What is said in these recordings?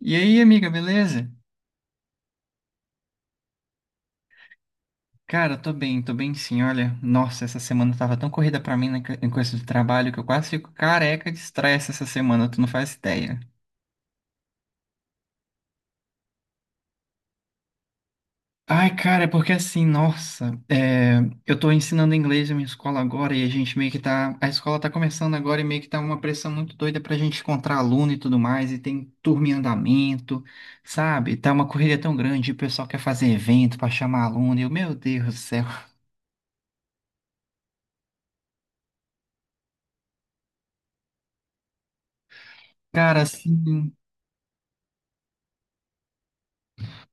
E aí, amiga, beleza? Cara, tô bem sim. Olha, nossa, essa semana tava tão corrida pra mim em coisa de trabalho que eu quase fico careca de estresse essa semana, tu não faz ideia. Ai, cara, é porque assim, nossa, é, eu tô ensinando inglês na minha escola agora e a gente meio que tá. A escola tá começando agora e meio que tá uma pressão muito doida pra gente encontrar aluno e tudo mais, e tem turma em andamento, sabe? Tá uma correria tão grande, o pessoal quer fazer evento pra chamar aluno, e eu, meu Deus do céu. Cara, assim.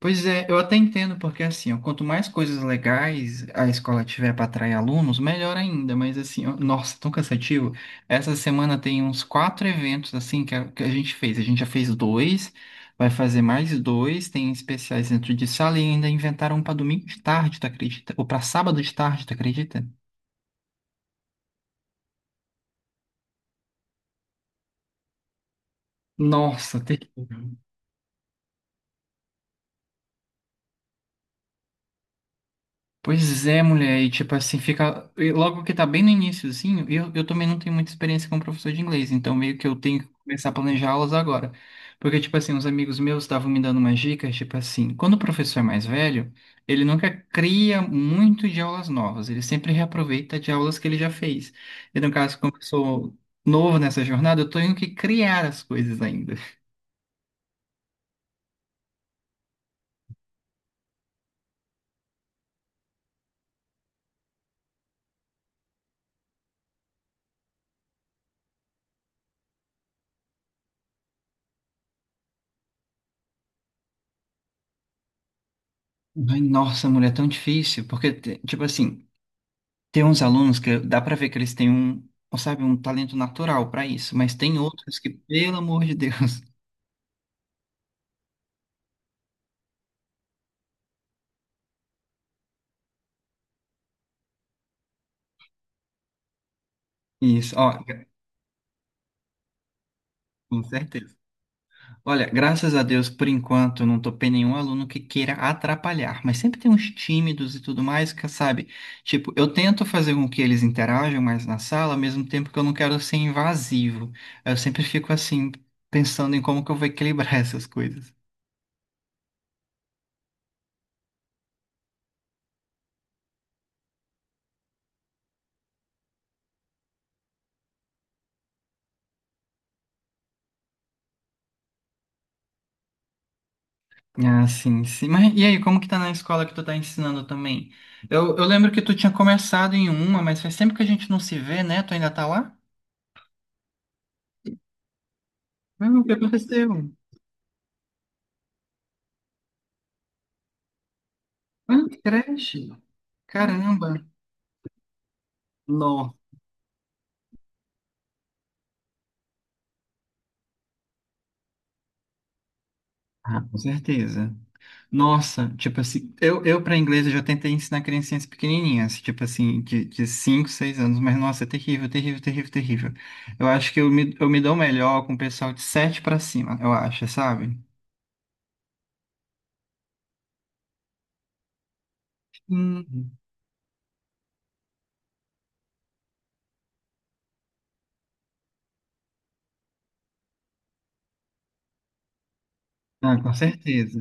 Pois é, eu até entendo, porque assim, ó, quanto mais coisas legais a escola tiver para atrair alunos, melhor ainda, mas assim, ó, nossa, tão cansativo. Essa semana tem uns quatro eventos, assim, que a gente fez. A gente já fez dois, vai fazer mais dois, tem especiais dentro de sala e ainda inventaram um para domingo de tarde, tu acredita? Ou para sábado de tarde, tu acredita? Nossa, terrível. Pois é, mulher, e tipo assim, fica. E logo que tá bem no início, assim, eu também não tenho muita experiência como professor de inglês, então meio que eu tenho que começar a planejar aulas agora. Porque, tipo assim, os amigos meus estavam me dando umas dicas, tipo assim, quando o professor é mais velho, ele nunca cria muito de aulas novas, ele sempre reaproveita de aulas que ele já fez. E no caso, como eu sou novo nessa jornada, eu tenho que criar as coisas ainda. Ai, nossa, mulher, é tão difícil, porque, tipo assim. Tem uns alunos que dá pra ver que eles têm um, sabe, um talento natural pra isso, mas tem outros que, pelo amor de Deus, isso, ó, com certeza. Olha, graças a Deus, por enquanto, eu não topei nenhum aluno que queira atrapalhar, mas sempre tem uns tímidos e tudo mais que, sabe, tipo, eu tento fazer com que eles interajam mais na sala, ao mesmo tempo que eu não quero ser invasivo. Eu sempre fico assim, pensando em como que eu vou equilibrar essas coisas. Ah, sim, sim. Mas e aí, como que tá na escola que tu tá ensinando também? Eu lembro que tu tinha começado em uma, mas faz tempo que a gente não se vê, né? Tu ainda tá lá? Ah, o que aconteceu? Ah, que creche. Caramba. Nossa, com certeza. Nossa, tipo assim, eu para inglês eu já tentei ensinar criancinhas pequenininhas, tipo assim, de 5 6 anos, mas nossa, é terrível, terrível, terrível, terrível. Eu acho que eu me dou melhor com o pessoal de 7 para cima, eu acho, sabe? Hum. Ah, com certeza.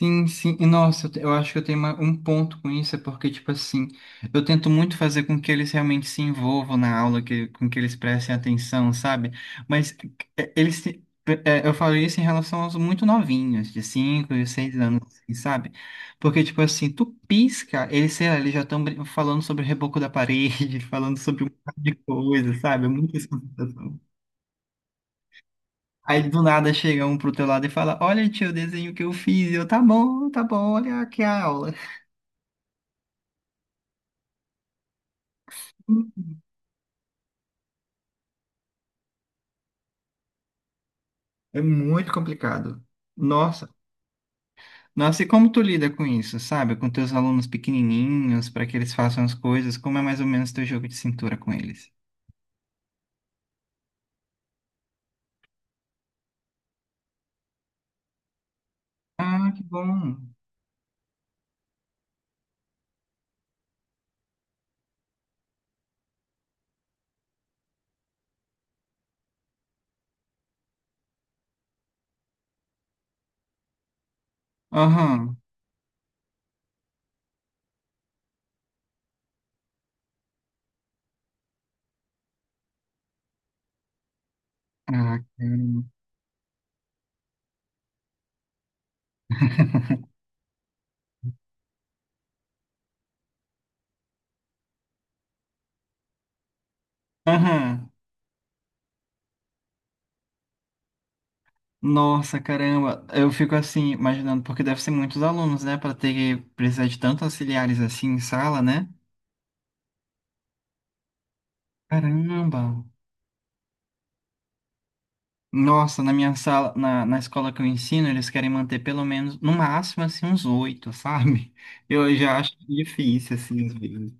Sim, sim. E nossa, eu acho que eu tenho um ponto com isso, é porque, tipo assim, eu tento muito fazer com que eles realmente se envolvam na aula, que, com que eles prestem atenção, sabe? Mas é, eles, se- é, eu falo isso em relação aos muito novinhos, de 5 e 6 anos, assim, sabe? Porque, tipo assim, tu pisca, eles, sei lá, eles já estão falando sobre o reboco da parede, falando sobre um monte de coisa, sabe? É muito essa sensação. Aí do nada chega um pro teu lado e fala: Olha, tio, o desenho que eu fiz. E eu, tá bom, olha aqui a aula. É muito complicado. Nossa, nossa, e como tu lida com isso, sabe? Com teus alunos pequenininhos, para que eles façam as coisas, como é mais ou menos teu jogo de cintura com eles? Ah, que bom. Aham. Ah, caramba. Aham. Nossa, caramba. Eu fico assim, imaginando, porque deve ser muitos alunos, né? Para ter que precisar de tantos auxiliares assim em sala, né? Caramba. Nossa, na minha sala, na escola que eu ensino, eles querem manter pelo menos, no máximo, assim, uns oito, sabe? Eu já acho difícil, assim, às vezes.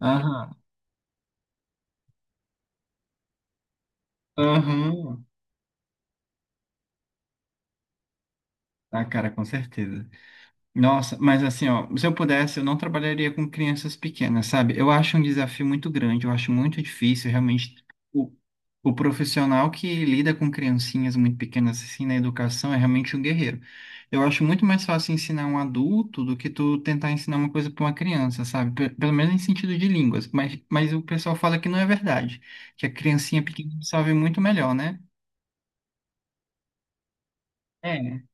Aham, aham. Ah, cara, com certeza. Nossa, mas assim, ó, se eu pudesse, eu não trabalharia com crianças pequenas, sabe? Eu acho um desafio muito grande, eu acho muito difícil, realmente, o, o profissional que lida com criancinhas muito pequenas, assim, na educação, é realmente um guerreiro. Eu acho muito mais fácil ensinar um adulto do que tu tentar ensinar uma coisa para uma criança, sabe? Pelo menos em sentido de línguas, mas o pessoal fala que não é verdade, que a criancinha pequena sabe muito melhor, né? É.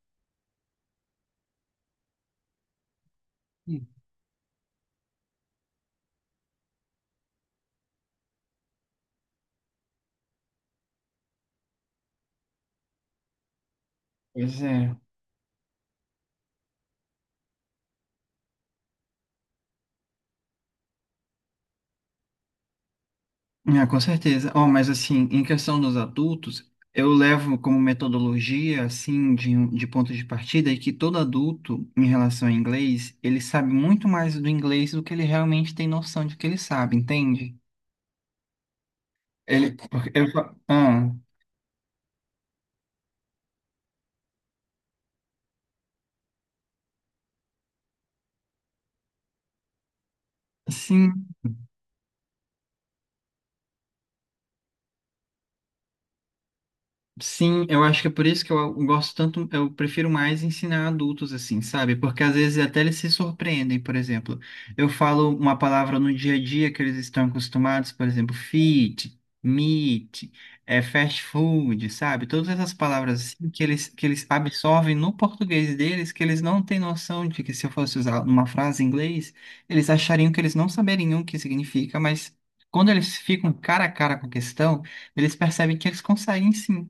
Pois é. Ah, com certeza. Oh, mas assim, em questão dos adultos, eu levo como metodologia, assim, de, de ponto de partida, é que todo adulto, em relação ao inglês, ele sabe muito mais do inglês do que ele realmente tem noção de que ele sabe, entende? Ele, porque eu, sim, sim, eu acho que é por isso que eu gosto tanto, eu prefiro mais ensinar adultos assim, sabe? Porque às vezes até eles se surpreendem, por exemplo. Eu falo uma palavra no dia a dia que eles estão acostumados, por exemplo, fit, meat, é fast food, sabe? Todas essas palavras assim que eles absorvem no português deles, que eles não têm noção de que se eu fosse usar numa frase em inglês, eles achariam que eles não saberiam o que significa, mas quando eles ficam cara a cara com a questão, eles percebem que eles conseguem sim.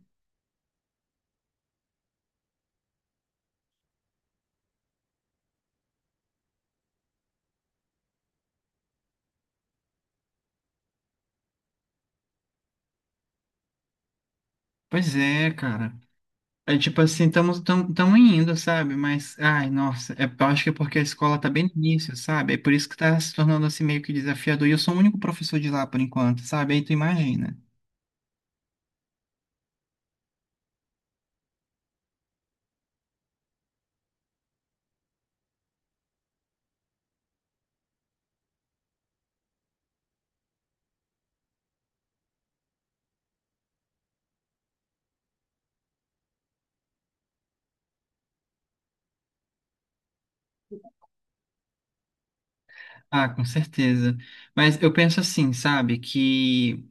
Pois é, cara. É tipo assim, estamos tão, tão indo, sabe? Mas, ai, nossa, é, eu acho que é porque a escola tá bem no início, sabe? É por isso que tá se tornando assim meio que desafiador. E eu sou o único professor de lá por enquanto, sabe? Aí tu imagina. Ah, com certeza. Mas eu penso assim, sabe? Que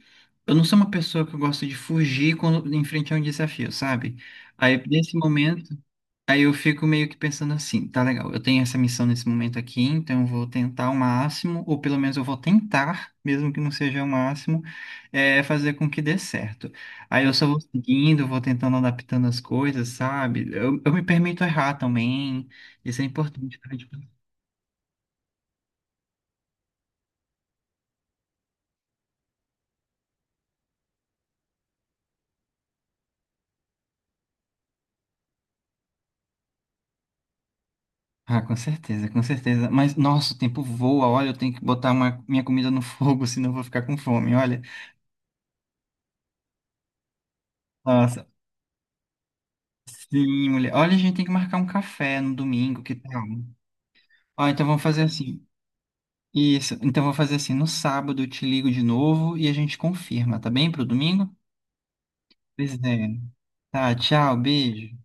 eu não sou uma pessoa que eu gosto de fugir quando em frente a um desafio, sabe? Aí, nesse momento. Aí eu fico meio que pensando assim, tá legal, eu tenho essa missão nesse momento aqui, então eu vou tentar ao máximo, ou pelo menos eu vou tentar, mesmo que não seja o máximo, é, fazer com que dê certo. Aí eu só vou seguindo, vou tentando adaptando as coisas, sabe? Eu me permito errar também, isso é importante pra gente. Ah, com certeza, com certeza. Mas, nossa, o tempo voa, olha, eu tenho que botar minha comida no fogo, senão eu vou ficar com fome, olha. Nossa, sim, mulher. Olha, a gente tem que marcar um café no domingo, que tal? Ó, então vamos fazer assim. Isso. Então vou fazer assim. No sábado eu te ligo de novo e a gente confirma, tá bem? Pro domingo? Pois é. Tá, tchau, beijo.